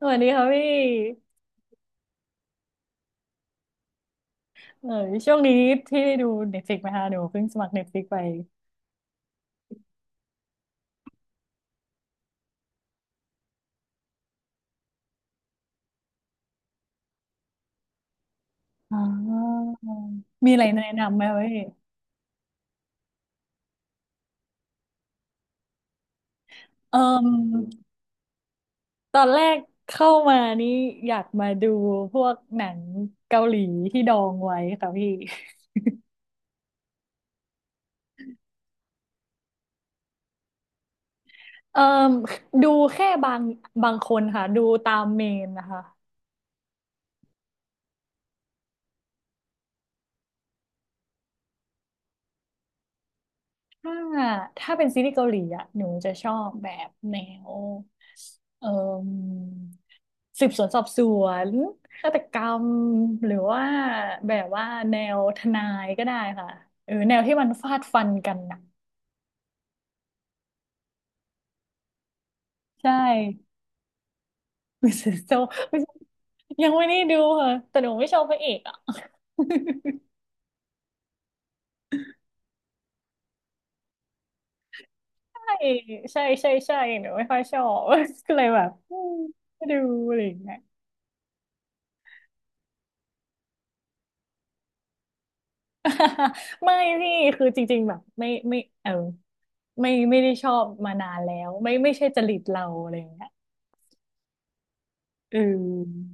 สวัสดีครับพี่เออช่วงนี้พี่ได้ดูเน็ตฟลิกไหมคะหนูเพิ่งสมัครเน็ตฟลิกไปอ๋อมีอะไรแนะนำไหมครับพี่เอ่มตอนแรกเข้ามานี่อยากมาดูพวกหนังเกาหลีที่ดองไว้ค่ะพี่เอ่มดูแค่บางคนค่ะดูตามเมนนะคะ ถ้าถ้าเป็นซีรีส์เกาหลีอะหนูจะชอบแบบแนวเอ่มสืบสวนสอบสวนฆาตกรรมหรือว่าแบบว่าแนวทนายก็ได้ค่ะเออแนวที่มันฟาดฟันกันนะใช่มิสโซไม่ ยังไม่ได้ดูค่ะแต่หนูไม่ชอบพระเอกอ่ะ ใช่ใช่ใช่ใช่หนูไม่ค่อยชอบ ก็เลยแบบอืมไม่ดูอะไรอย่างเงี้ย ไม่พี่คือจริงๆแบบไม่เออไม่ได้ชอบมานานแล้วไม่ใช่จริตเราอะไรอย่างเงี้ยเออ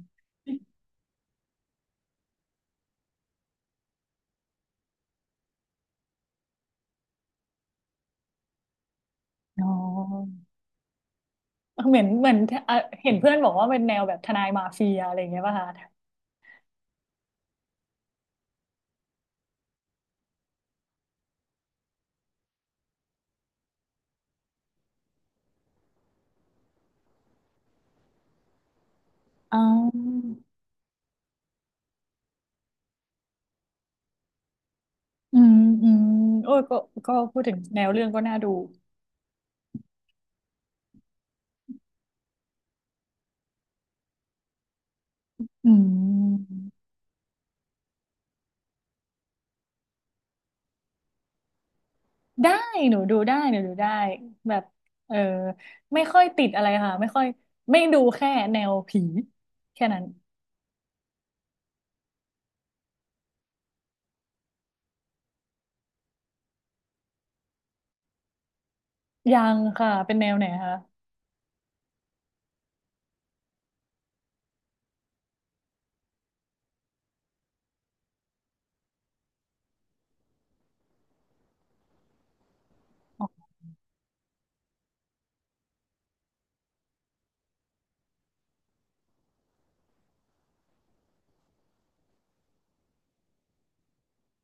อ๋อเหมือนเอ่อเห็นเพื่อนบอกว่าเป็นแนวแบบทนายมาเฟียอะไรอย่างเงี้ยป่ะคะอ๋ออืมอืมโอ้ยก็ก็พูดถึงแนวเรื่องก็น่าดูอืมได้หนูดูได้หนูดูได้แบบเออไม่ค่อยติดอะไรค่ะไม่ค่อยไม่ดูแค่แนวผีแค่นั้นยังค่ะเป็นแนวไหนคะ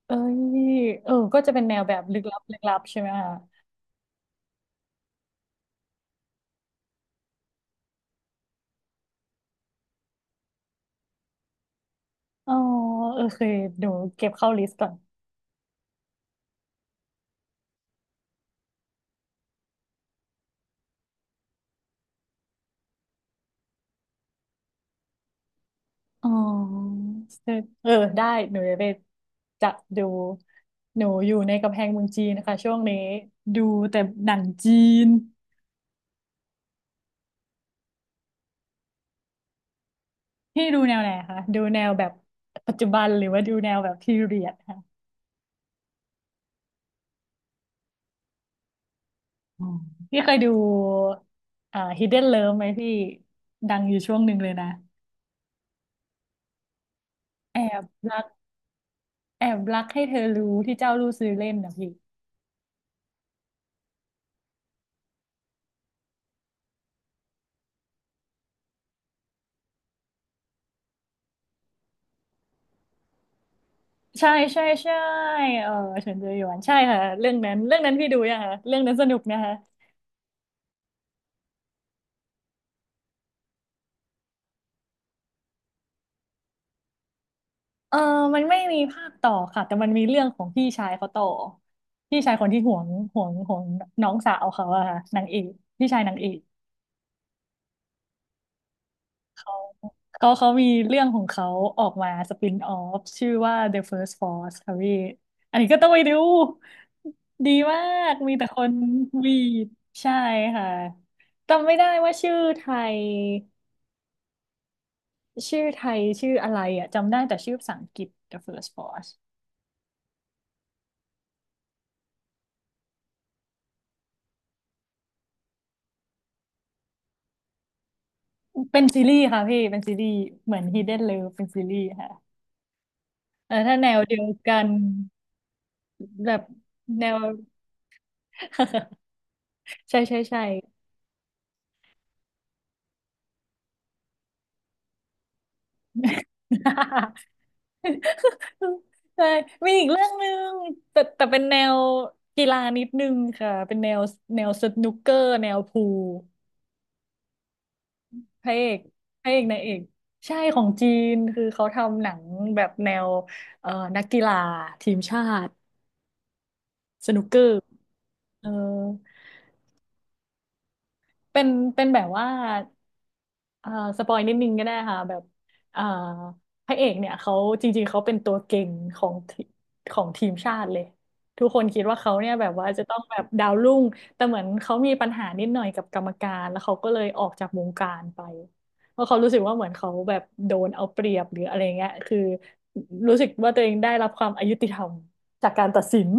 เอ้ยเออก็จะเป็นแนวแบบลึกลับลึกลับใช่ไหมคะอ๋อเออเคยเดีเก็บเข้าลิสต์ก่อนอ๋อเออได้หนูจะไปจะดูหนูอยู่ในกำแพงเมืองจีนนะคะช่วงนี้ดูแต่หนังจีนพี่ดูแนวไหนคะดูแนวแบบปัจจุบันหรือว่าดูแนวแบบพีเรียดค่ะอ๋อพี่เคยดูHidden Love ไหมพี่ดังอยู่ช่วงหนึ่งเลยนะแอบรักแอบรักให้เธอรู้ที่เจ้ารู้ซื้อเล่นนะพี่ ใช่ใช่ใช่เออเฉินเจอหยวนใช่ค่ะเรื่องนั้นพี่ดูยังคะเรื่องนั้นสนุกนะคะเออมันไม่มีภาคต่อค่ะแต่มันมีเรื่องของพี่ชายเขาต่อพี่ชายคนที่ห่วงห่วงน้องสาวเขาอะค่ะนางเอกพี่ชายนางเอกเขาเขาเขามีเรื่องของเขาออกมาสปินออฟชื่อว่า The First Force ค่ะพี่อันนี้ก็ต้องไปดูดีมากมีแต่คนวีดใช่ค่ะจำไม่ได้ว่าชื่อไทย ชื่อไทยชื่ออะไรอ่ะจำได้แต่ชื่อภาษาอังกฤษ The First Boss เป็นซีรีส์ค่ะพี่เป็นซีรีส์เหมือน Hidden Love เป็นซีรีส์ค่ะเออถ้าแนวเดียวกันแบบแนว ใช่ใช่ใช่ ใช่มีอีกเรื่องหนึ่งแต่เป็นแนวกีฬานิดนึงค่ะเป็นแนวแนวสนุกเกอร์แนวพูลพระเอกพระเอกนางเอกใช่ของจีนคือเขาทำหนังแบบแนวเอ่อนักกีฬาทีมชาติ สนุกเกอร์เออเป็นเป็นแบบว่าเอ่อสปอยนิดนึงก็ได้ค่ะแบบเอ่อพระเอกเนี่ยเขาจริงๆเขาเป็นตัวเก่งของทีของทีมชาติเลยทุกคนคิดว่าเขาเนี่ยแบบว่าจะต้องแบบดาวรุ่งแต่เหมือนเขามีปัญหานิดหน่อยกับกรรมการ แล้วเขาก็เลยออกจากวงการไป เพราะเขารู้สึกว่าเหมือนเขาแบบโดนเอาเปรียบหรืออะไรเงี้ยคือรู้สึกว่าตัวเองได้รับความอยุติธรรมจากการตัดสิน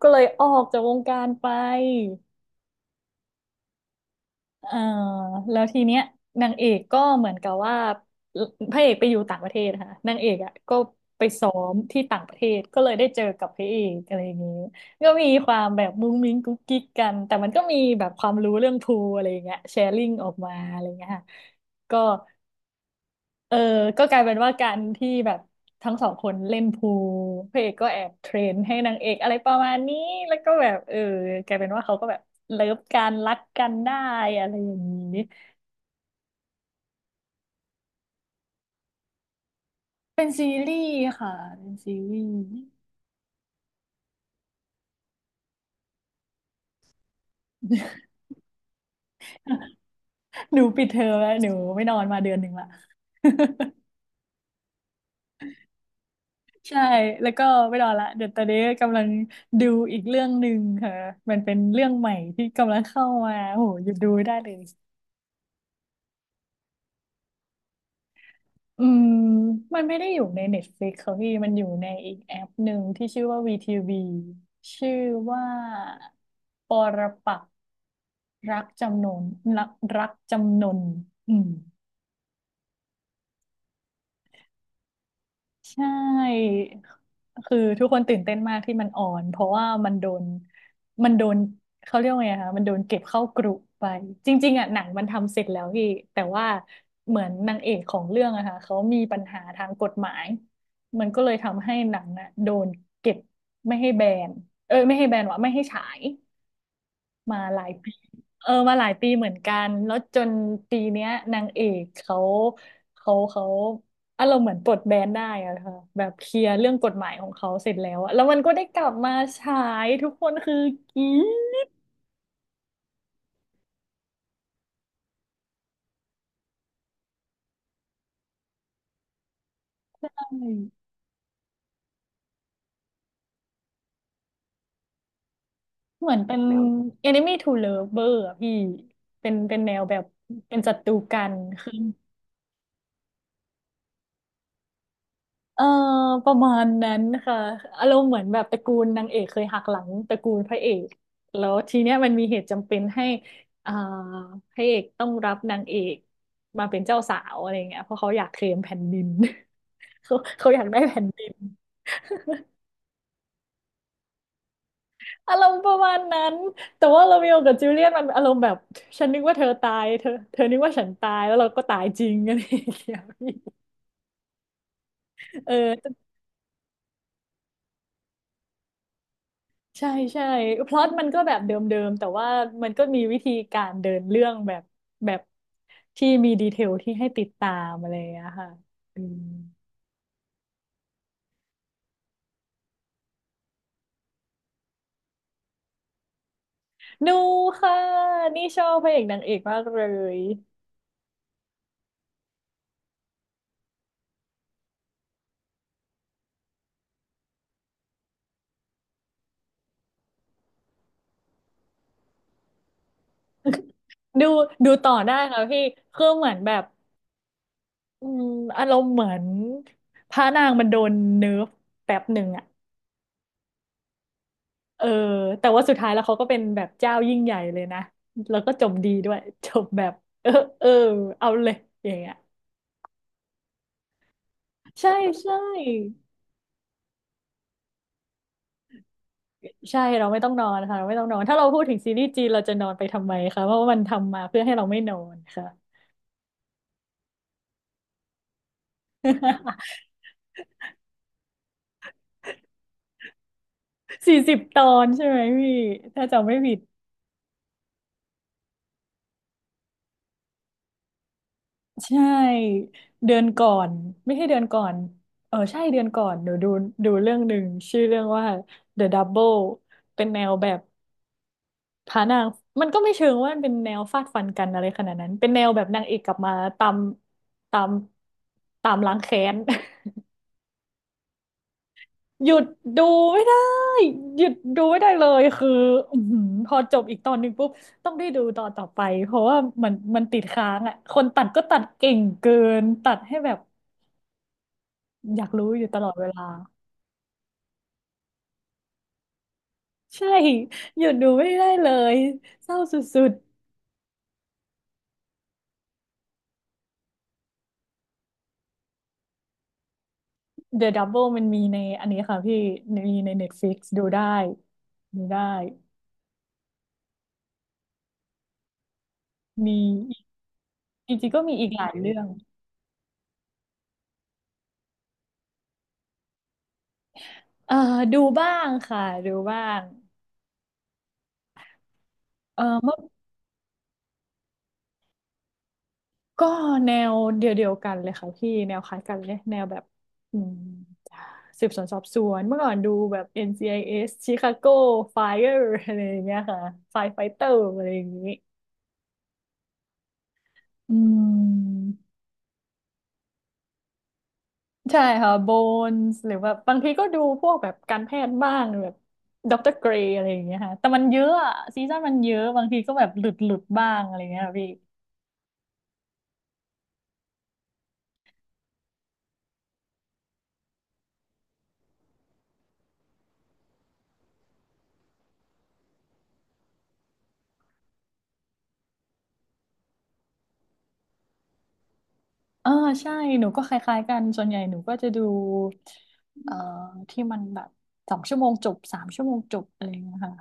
ก็เลยออกจากวงการไป เอ่อแล้วทีเนี้ยนางเอกก็เหมือนกับว่าพระเอกไปอยู่ต่างประเทศค่ะนางเอกอ่ะก็ไปซ้อมที่ต่างประเทศก็เลยได้เจอกับพระเอกอะไรอย่างนี้ก็มีความแบบมุ้งมิ้งกุ๊กกิ๊กกันแต่มันก็มีแบบความรู้เรื่องพูลอะไรอย่างเงี้ยแชร์ลิงออกมาอะไรอย่างเงี้ยค่ะก็เออก็กลายเป็นว่าการที่แบบทั้งสองคนเล่นพูลพระเอกก็แอบเทรนให้นางเอกอะไรประมาณนี้แล้วก็แบบเออกลายเป็นว่าเขาก็แบบเลิฟกันรักกันได้อะไรอย่างนี้ เป็นซีรีส์ค่ะเป็นซีรีส์ หนูปิดเทอมแล้วหนูไม่นอนมาเดือนหนึ่งละ ใช่แล้วก็ไม่นอนละเดี๋ยวตอนนี้กำลังดูอีกเรื่องหนึ่งค่ะมันเป็นเรื่องใหม่ที่กำลังเข้ามาโหหยุดดูไม่ได้เลยอืมมันไม่ได้อยู่ใน Netflix ค่ะพี่มันอยู่ในอีกแอปหนึ่งที่ชื่อว่า VTV ชื่อว่าปรปักษ์รักจำนนรักรักจำนนอืม ใช่ คือทุกคนตื่นเต้นมากที่มันออนเพราะว่ามันโดนเขาเรียกว่าไงคะมันโดนเก็บเข้ากรุไป จริงๆอ่ะหนังมันทำเสร็จแล้วพี่แต่ว่าเหมือนนางเอกของเรื่องอะค่ะเขามีปัญหาทางกฎหมาย มันก็เลยทำให้หนังอะโดนเก็บไม่ให้แบนเอ้ยไม่ให้แบนวะไม่ให้ฉาย มาหลายปีเออมาหลายปีเหมือนกันแล้วจนปีเนี้ยนางเอกเขาเขาอารมณ์เหมือนปลดแบนได้อะค่ะแบบเคลียร์เรื่องกฎหมายของเขาเสร็จแล้วอะแล้วมันก็ได้กลับมาฉายทุกคนคือกรี๊ดใช่เหมือนเป็น้ Enemy to Lover อะพี่เป็นแนวแบบเป็นศัตรูกันคือ เออประมาณนั้นค่ะอารมณ์เหมือนแบบตระกูลนางเอกเคยหักหลังตระกูลพระเอกแล้วทีเนี้ยมันมีเหตุจำเป็นให้อ่าพระเอกต้องรับนางเอกมาเป็นเจ้าสาวอะไรเงี้ยเพราะเขาอยากเคลมแผ่นดิน เขาเขาอยากได้แผ่นดินอารมณ์ประมาณนั้นแต่ว่าโรเมโอกับจูเลียตมันอารมณ์แบบฉันนึกว่าเธอตายเธอนึกว่าฉันตายแล้วเราก็ตายจริงอะไรอย่างเงี้ยพี่เออ ใช่ใช่พล็อตมันก็แบบเดิมๆแต่ว่ามันก็มีวิธีการเดินเรื่องแบบแบบที่มีดีเทลที่ให้ติดตามอะไรอย่างเงี้ยค่ะอืมดูค่ะนี่ชอบพระเอกนางเอกมากเลยดูดูต่อได้ค่ะพี่คือเหมือนแบบอืมอารมณ์เหมือนพระนางมันโดนเนิร์ฟแป๊บหนึ่งอ่ะเออแต่ว่าสุดท้ายแล้วเขาก็เป็นแบบเจ้ายิ่งใหญ่เลยนะแล้วก็จบดีด้วยจบแบบเออเออเอาเลยอย่างเงี้ย ใช่ใช่ใช่เราไม่ต้องนอนค่ะเราไม่ต้องนอนถ้าเราพูดถึงซีรีส์จีนเราจะนอนไปทำไมคะเพราะว่ามันทำมาเพื่อให้เราไม่นอนค่ะ40 ตอนใช่ไหมพี่ถ้าจำไม่ผิดใช่เดือนก่อนไม่ใช่เดือนก่อนเออใช่เดือนก่อนหนูดูดูเรื่องหนึ่งชื่อเรื่องว่า The Double เป็นแนวแบบพระนางมันก็ไม่เชิงว่ามันเป็นแนวฟาดฟันกันอะไรขนาดนั้นเป็นแนวแบบนางเอกกลับมาตามตามตามล้างแค้น หยุดดูไม่ได้หยุดดูไม่ได้เลยคืออื้อหือพอจบอีกตอนหนึ่งปุ๊บต้องได้ดูตอนต่อไปเพราะว่ามันติดค้างอ่ะคนตัดก็ตัดเก่งเกินตัดให้แบบอยากรู้อยู่ตลอดเวลาใช่หยุดดูไม่ได้เลยเศร้าสุดๆ The Double มันมีในอันนี้ค่ะพี่มีใน Netflix ดูได้ดูได้มีอีกจริงๆก็มีอีกหลายเรื่องเอ่อดูบ้างค่ะดูบ้างเออเมื่อ ก็แนวเดียวกันเลยค่ะพี่แนวคล้ายกันเลยแนวแบบอืมสืบสวนสอบสวนเมื่อก่อนดูแบบ NCIS Chicago Fire อะไรอย่างเงี้ยค่ะ Fire Fighter อะไรอย่างงี้อืมใช่ค่ะโบนส์หรือว่าบางทีก็ดูพวกแบบการแพทย์บ้างแบบด็อกเตอร์เกรย์อะไรอย่างเงี้ยค่ะแต่มันเยอะอะซีซั่นมันเยอะบางทีก็แบบหลุดบ้างอะไรเงี้ยค่ะพี่ เออใช่หนูก็คล้ายๆกันส่วนใหญ่หนูก็จะดูเอ่อที่มันแบบ2 ชั่วโมงจบ3 ชั่วโมงจบอะไรอย่างเงี้ยค่ะ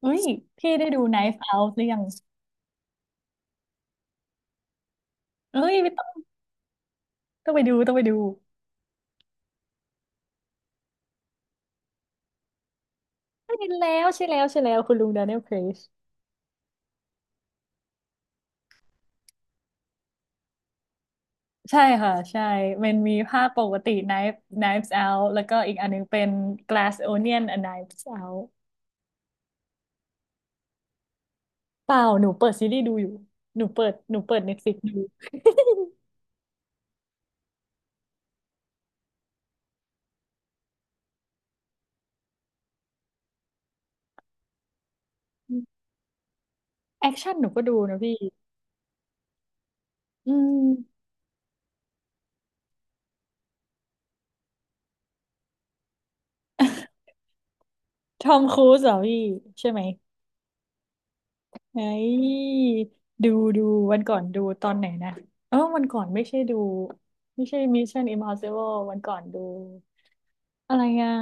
เฮ้ยพี่ได้ดู Knife Out หรือยังเฮ้ยไม่ต้องต้องไปดูใช่ใช่แล้วคุณลุง Daniel Craig ใช่ค่ะใช่มันมีภาคปกติ Knives Out แล้วก็อีกอันนึงเป็น Glass Onion and Knives Out เปล่าหนูเปิดซีรีส์ดูอยู่หนูเปิด Netflix ดู แอคชั่นหนูก็ดูนะพี่อืม ทอมครูซเหรอพี่ใช่ไหมไอ้ดูดูวันก่อนดูตอนไหนนะเออวันก่อนไม่ใช่ Mission Impossible วันก่อนดูอะไรอ่ะ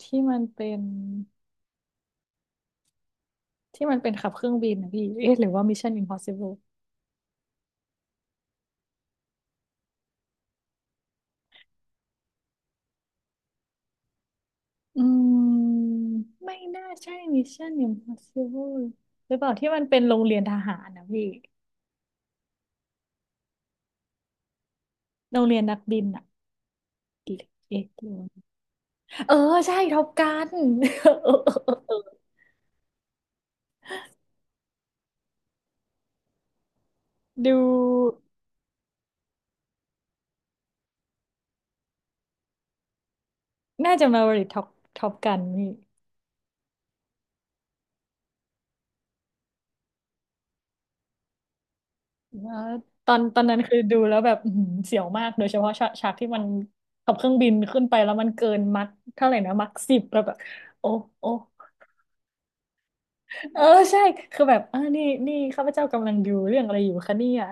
ที่มันเป็นขับเครื่องบินนะพี่เอ๊ะหรือว่า Mission Impossible อืมไม่น่าใช่ Mission Impossible หรือเปล่าที่มันเป็นโรงเรียนทหารนะพี่โรงเรียนนักบินอ่ะเอ๊ะหรือว่าเออใช่ท็อปกัน เออ เออดู น่าจะมาบริท็อปท็อปกันนี่แล้วตอนนั้นคือดูแล้วแบบอื้อหือเสียวมากโดยเฉพาะฉากที่มันขับเครื่องบินขึ้นไปแล้วมันเกินมัคเท่าไหร่นะมัค 10แล้วแบบโอ้โอ้เออใช่คือแบบอ่านี่ข้าพเจ้ากำลังดูเรื่องอะไรอยู่คะเนี่ย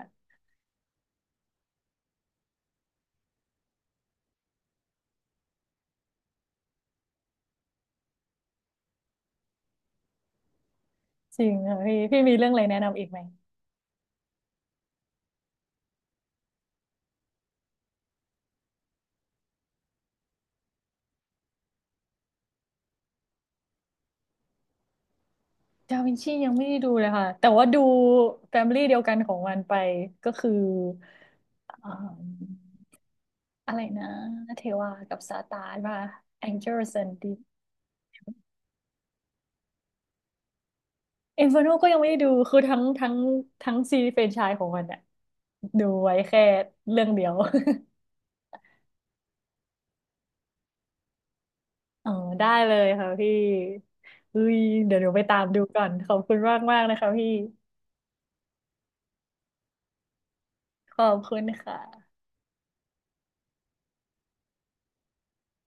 จริงเหรอพี่พี่มีเรื่องอะไรแนะนำอีกไหมดาวินชียังไม่ได้ดูเลยค่ะแต่ว่าดูแฟมิลี่เดียวกันของมันไปก็คืออ่าอะไรนะเทวากับซาตานว่า Angels and Demons เอ f น r โนก็ยังไม่ได้ดู คือทั้งซีรีส์แฟรนไชส์ของมันอะดูไว้แค่เรื่องเดียว อ๋อได้เลยค่ะพี่เฮ้ยเดี๋ยวหนูไปตามดูก่อนขอบคุณมากมากนะคะพี่ขอบคุณค่ะ